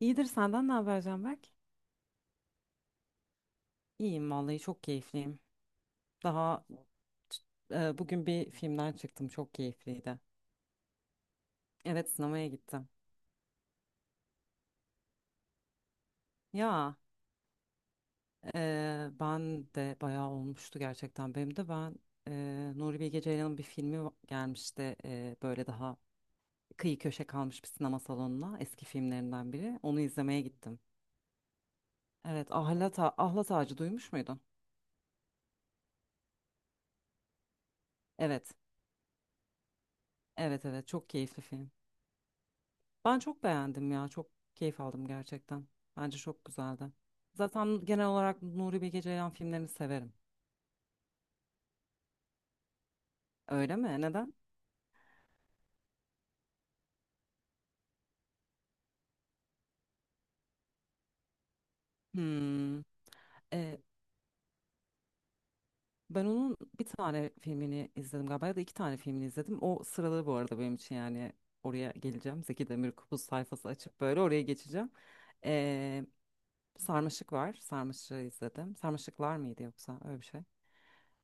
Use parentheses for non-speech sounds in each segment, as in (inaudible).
İyidir senden ne haber Canberk? İyiyim vallahi çok keyifliyim. Daha bugün bir filmden çıktım çok keyifliydi. Evet sinemaya gittim. Ya Ben de bayağı olmuştu gerçekten benim de ben e, Nuri Bilge Ceylan'ın bir gelmişti, böyle daha kıyı köşe kalmış bir sinema salonuna eski filmlerinden biri, onu izlemeye gittim. Evet Ahlat, Ahlat Ağacı duymuş muydun? Evet evet evet çok keyifli film. Ben çok beğendim ya. Çok keyif aldım gerçekten. Bence çok güzeldi. Zaten genel olarak Nuri Bilge Ceylan filmlerini severim. Öyle mi? Neden? Hmm. Ee, ben onun bir tane filmini izledim galiba ya da iki tane filmini izledim. O sıralı bu arada benim için yani oraya geleceğim. Zeki Demirkubuz sayfası açıp böyle oraya geçeceğim. Ee, Sarmaşık var. Sarmaşık'ı izledim. Sarmaşıklar mıydı yoksa öyle bir şey.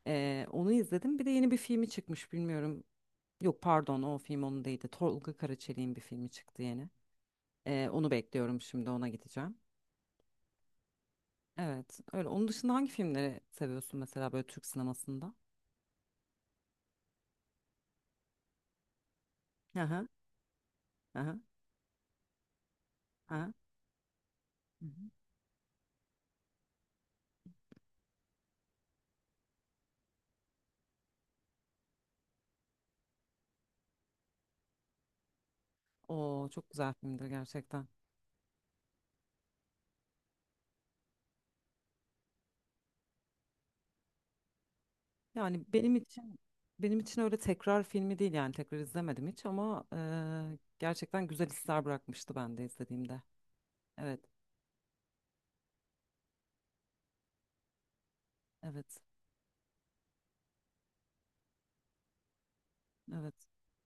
Onu izledim. Bir de yeni bir filmi çıkmış bilmiyorum. Yok pardon o film onun değildi. Tolga Karaçelik'in bir filmi çıktı yeni. Onu bekliyorum şimdi ona gideceğim. Evet öyle. Onun dışında hangi filmleri seviyorsun mesela böyle Türk sinemasında? Aha, aha, aha. Hı hı. Oo çok güzel filmdir gerçekten. Yani benim için öyle tekrar filmi değil yani tekrar izlemedim hiç ama gerçekten güzel hisler bırakmıştı ben de izlediğimde. Evet, evet, evet.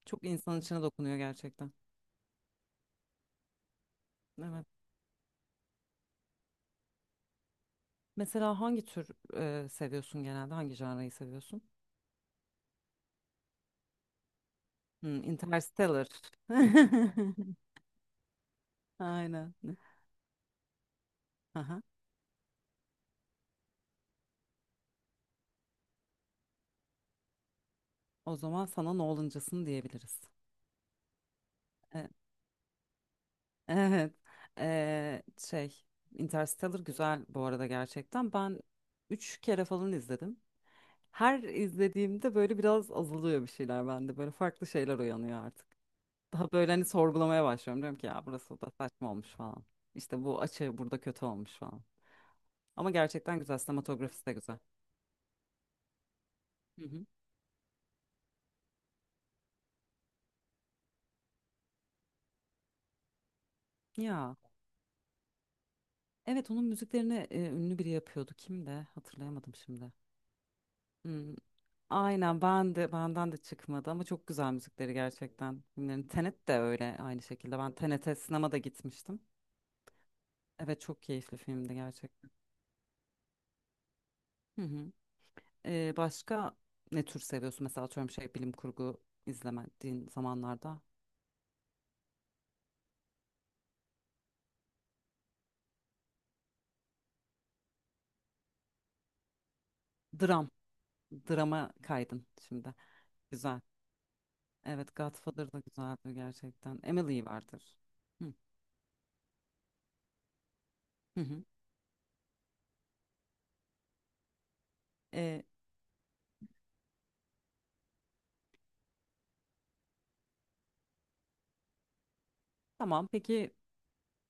Çok insan içine dokunuyor gerçekten. Evet. Mesela hangi tür seviyorsun genelde? Hangi janrayı seviyorsun? Hmm, Interstellar. (laughs) Aynen. Aha. O zaman sana Nolan'cısın diyebiliriz. E, evet. E, şey, Interstellar güzel bu arada gerçekten. Ben üç kere falan izledim. Her izlediğimde böyle biraz azalıyor bir şeyler bende. Böyle farklı şeyler uyanıyor artık. Daha böyle hani sorgulamaya başlıyorum. Diyorum ki ya burası da saçma olmuş falan. İşte bu açı burada kötü olmuş falan. Ama gerçekten güzel. Sinematografisi de güzel. Hı hı. Ya evet onun müziklerini ünlü biri yapıyordu. Kim de hatırlayamadım şimdi. Hmm, aynen ben de benden de çıkmadı ama çok güzel müzikleri gerçekten. Filmlerin Tenet de öyle aynı şekilde. Ben Tenet'e sinemada gitmiştim. Evet çok keyifli filmdi gerçekten. Hı hı. Başka ne tür seviyorsun? Mesela atıyorum şey bilim kurgu izlemediğin zamanlarda. Dram. Drama kaydın şimdi. Güzel. Evet, Godfather da güzeldi gerçekten. Emily vardır. Hı hı. hı. Ee, tamam, peki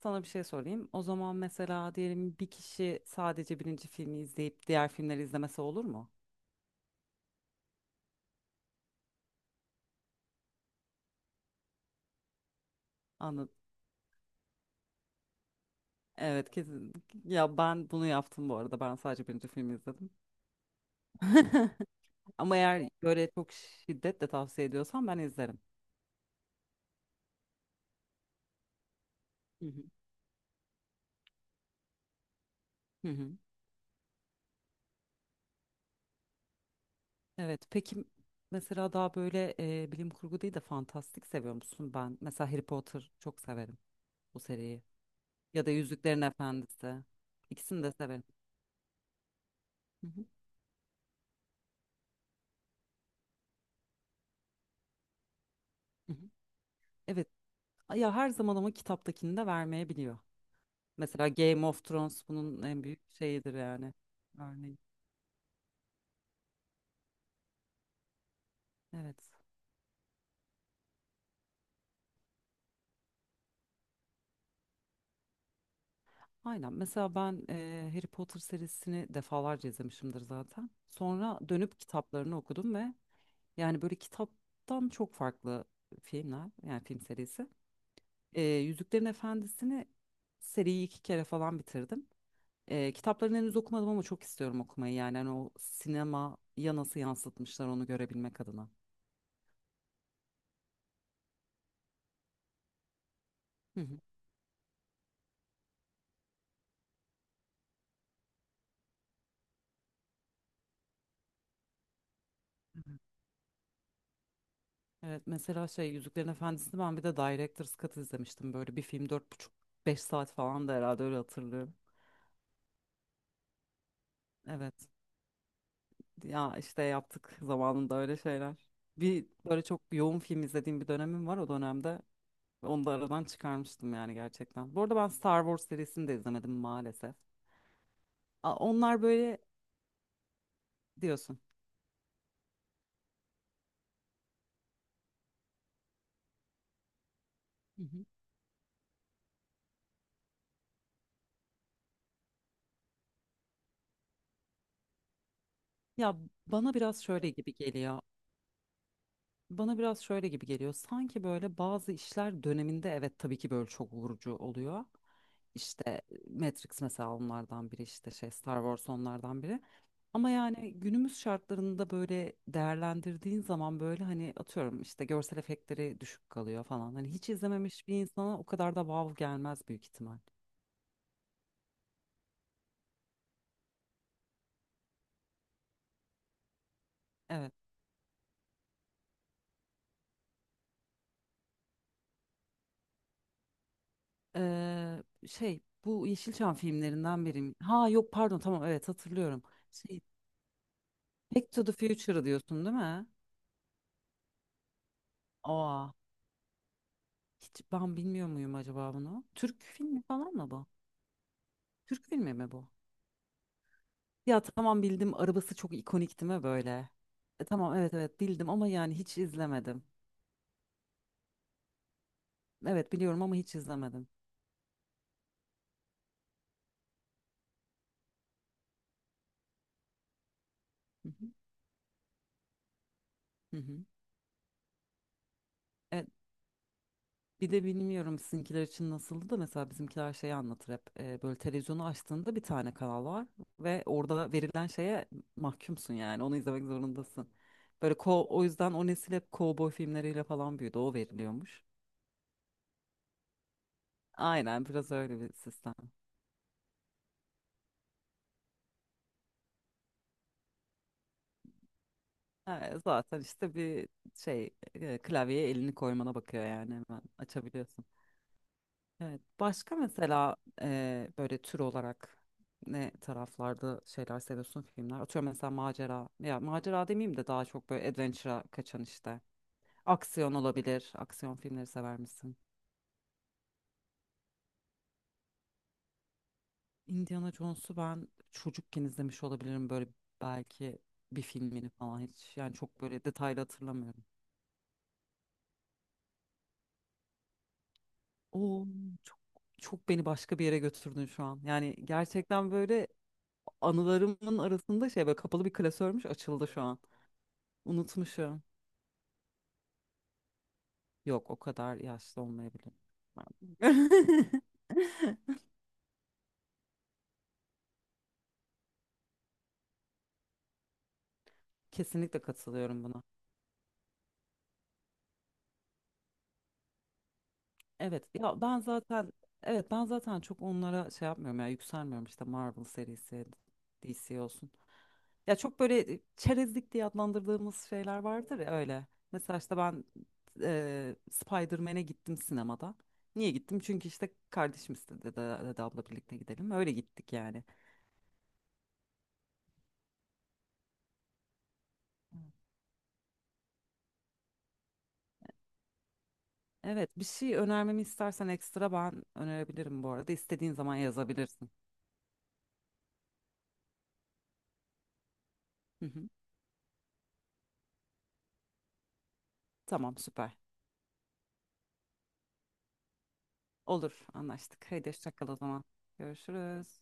sana bir şey sorayım. O zaman mesela diyelim bir kişi sadece birinci filmi izleyip diğer filmleri izlemesi olur mu? Anladım. Evet, kesin. Ya ben bunu yaptım bu arada. Ben sadece birinci filmi izledim. (laughs) Ama eğer böyle çok şiddetle tavsiye ediyorsan ben izlerim. Hı hı. Hı hı. Evet, peki mesela daha böyle bilim kurgu değil de fantastik seviyor musun? Ben mesela Harry Potter çok severim bu seriyi. Ya da Yüzüklerin Efendisi. İkisini de severim. Hı hı, hı hı. Evet. Ya her zaman ama kitaptakini de vermeyebiliyor. Mesela Game of Thrones bunun en büyük şeyidir yani. Örneğin. Evet. Aynen. Mesela ben Harry Potter serisini defalarca izlemişimdir zaten. Sonra dönüp kitaplarını okudum ve yani böyle kitaptan çok farklı filmler yani film serisi. Yüzüklerin Efendisi'ni seriyi iki kere falan bitirdim. Kitaplarını henüz okumadım ama çok istiyorum okumayı. Yani hani o sinemaya nasıl yansıtmışlar onu görebilmek adına. Hı hı. Evet. Evet, mesela şey Yüzüklerin Efendisi'ni ben bir de Director's Cut izlemiştim. Böyle bir film dört buçuk beş saat falan da herhalde öyle hatırlıyorum. Evet. Ya işte yaptık zamanında öyle şeyler. Bir böyle çok yoğun film izlediğim bir dönemim var o dönemde. Onu da aradan çıkarmıştım yani gerçekten. Bu arada ben Star Wars serisini de izlemedim maalesef. Aa, onlar böyle diyorsun. Ya bana biraz şöyle gibi geliyor. Bana biraz şöyle gibi geliyor. Sanki böyle bazı işler döneminde evet tabii ki böyle çok vurucu oluyor. İşte Matrix mesela onlardan biri işte şey Star Wars onlardan biri. Ama yani günümüz şartlarında böyle değerlendirdiğin zaman böyle hani atıyorum işte görsel efektleri düşük kalıyor falan. Hani hiç izlememiş bir insana o kadar da vav gelmez büyük ihtimal. Evet. Şey bu Yeşilçam filmlerinden biri. Mi? Ha yok pardon tamam evet hatırlıyorum. Şey, Back to the Future diyorsun değil mi? Aa, hiç ben bilmiyor muyum acaba bunu? Türk filmi falan mı bu? Türk filmi mi bu? Ya tamam bildim arabası çok ikonik mi böyle? E, tamam evet evet bildim ama yani hiç izlemedim. Evet biliyorum ama hiç izlemedim. Hı hı. Hı hı. Evet, bir de bilmiyorum sizinkiler için nasıldı da mesela bizimkiler şeyi anlatır hep böyle televizyonu açtığında bir tane kanal var ve orada verilen şeye mahkumsun yani onu izlemek zorundasın. Böyle ko o yüzden o nesil hep kovboy filmleriyle falan büyüdü o veriliyormuş. Aynen biraz öyle bir sistem. Ha, zaten işte klavyeye elini koymana bakıyor yani hemen açabiliyorsun. Evet. Başka mesela böyle tür olarak ne taraflarda şeyler seviyorsun filmler? Atıyorum mesela macera. Ya macera demeyeyim de daha çok böyle adventure'a kaçan işte. Aksiyon olabilir. Aksiyon filmleri sever misin? Indiana Jones'u ben çocukken izlemiş olabilirim böyle belki bir filmini falan hiç. Yani çok böyle detaylı hatırlamıyorum. O çok çok beni başka bir yere götürdün şu an. Yani gerçekten böyle anılarımın arasında şey böyle kapalı bir klasörmüş açıldı şu an. Unutmuşum. Yok o kadar yaşlı olmayabilirim. (laughs) Kesinlikle katılıyorum buna. Evet ya ben zaten evet ben zaten çok onlara şey yapmıyorum ya yükselmiyorum işte Marvel serisi DC olsun. Ya çok böyle çerezlik diye adlandırdığımız şeyler vardır ya öyle. Mesela işte ben Spider-Man'e gittim sinemada. Niye gittim? Çünkü işte kardeşim dedi abla birlikte gidelim. Öyle gittik yani. Evet, bir şey önermemi istersen ekstra ben önerebilirim bu arada. İstediğin zaman yazabilirsin. Hı hı. Tamam, süper. Olur, anlaştık. Haydi hoşça kal o zaman. Görüşürüz.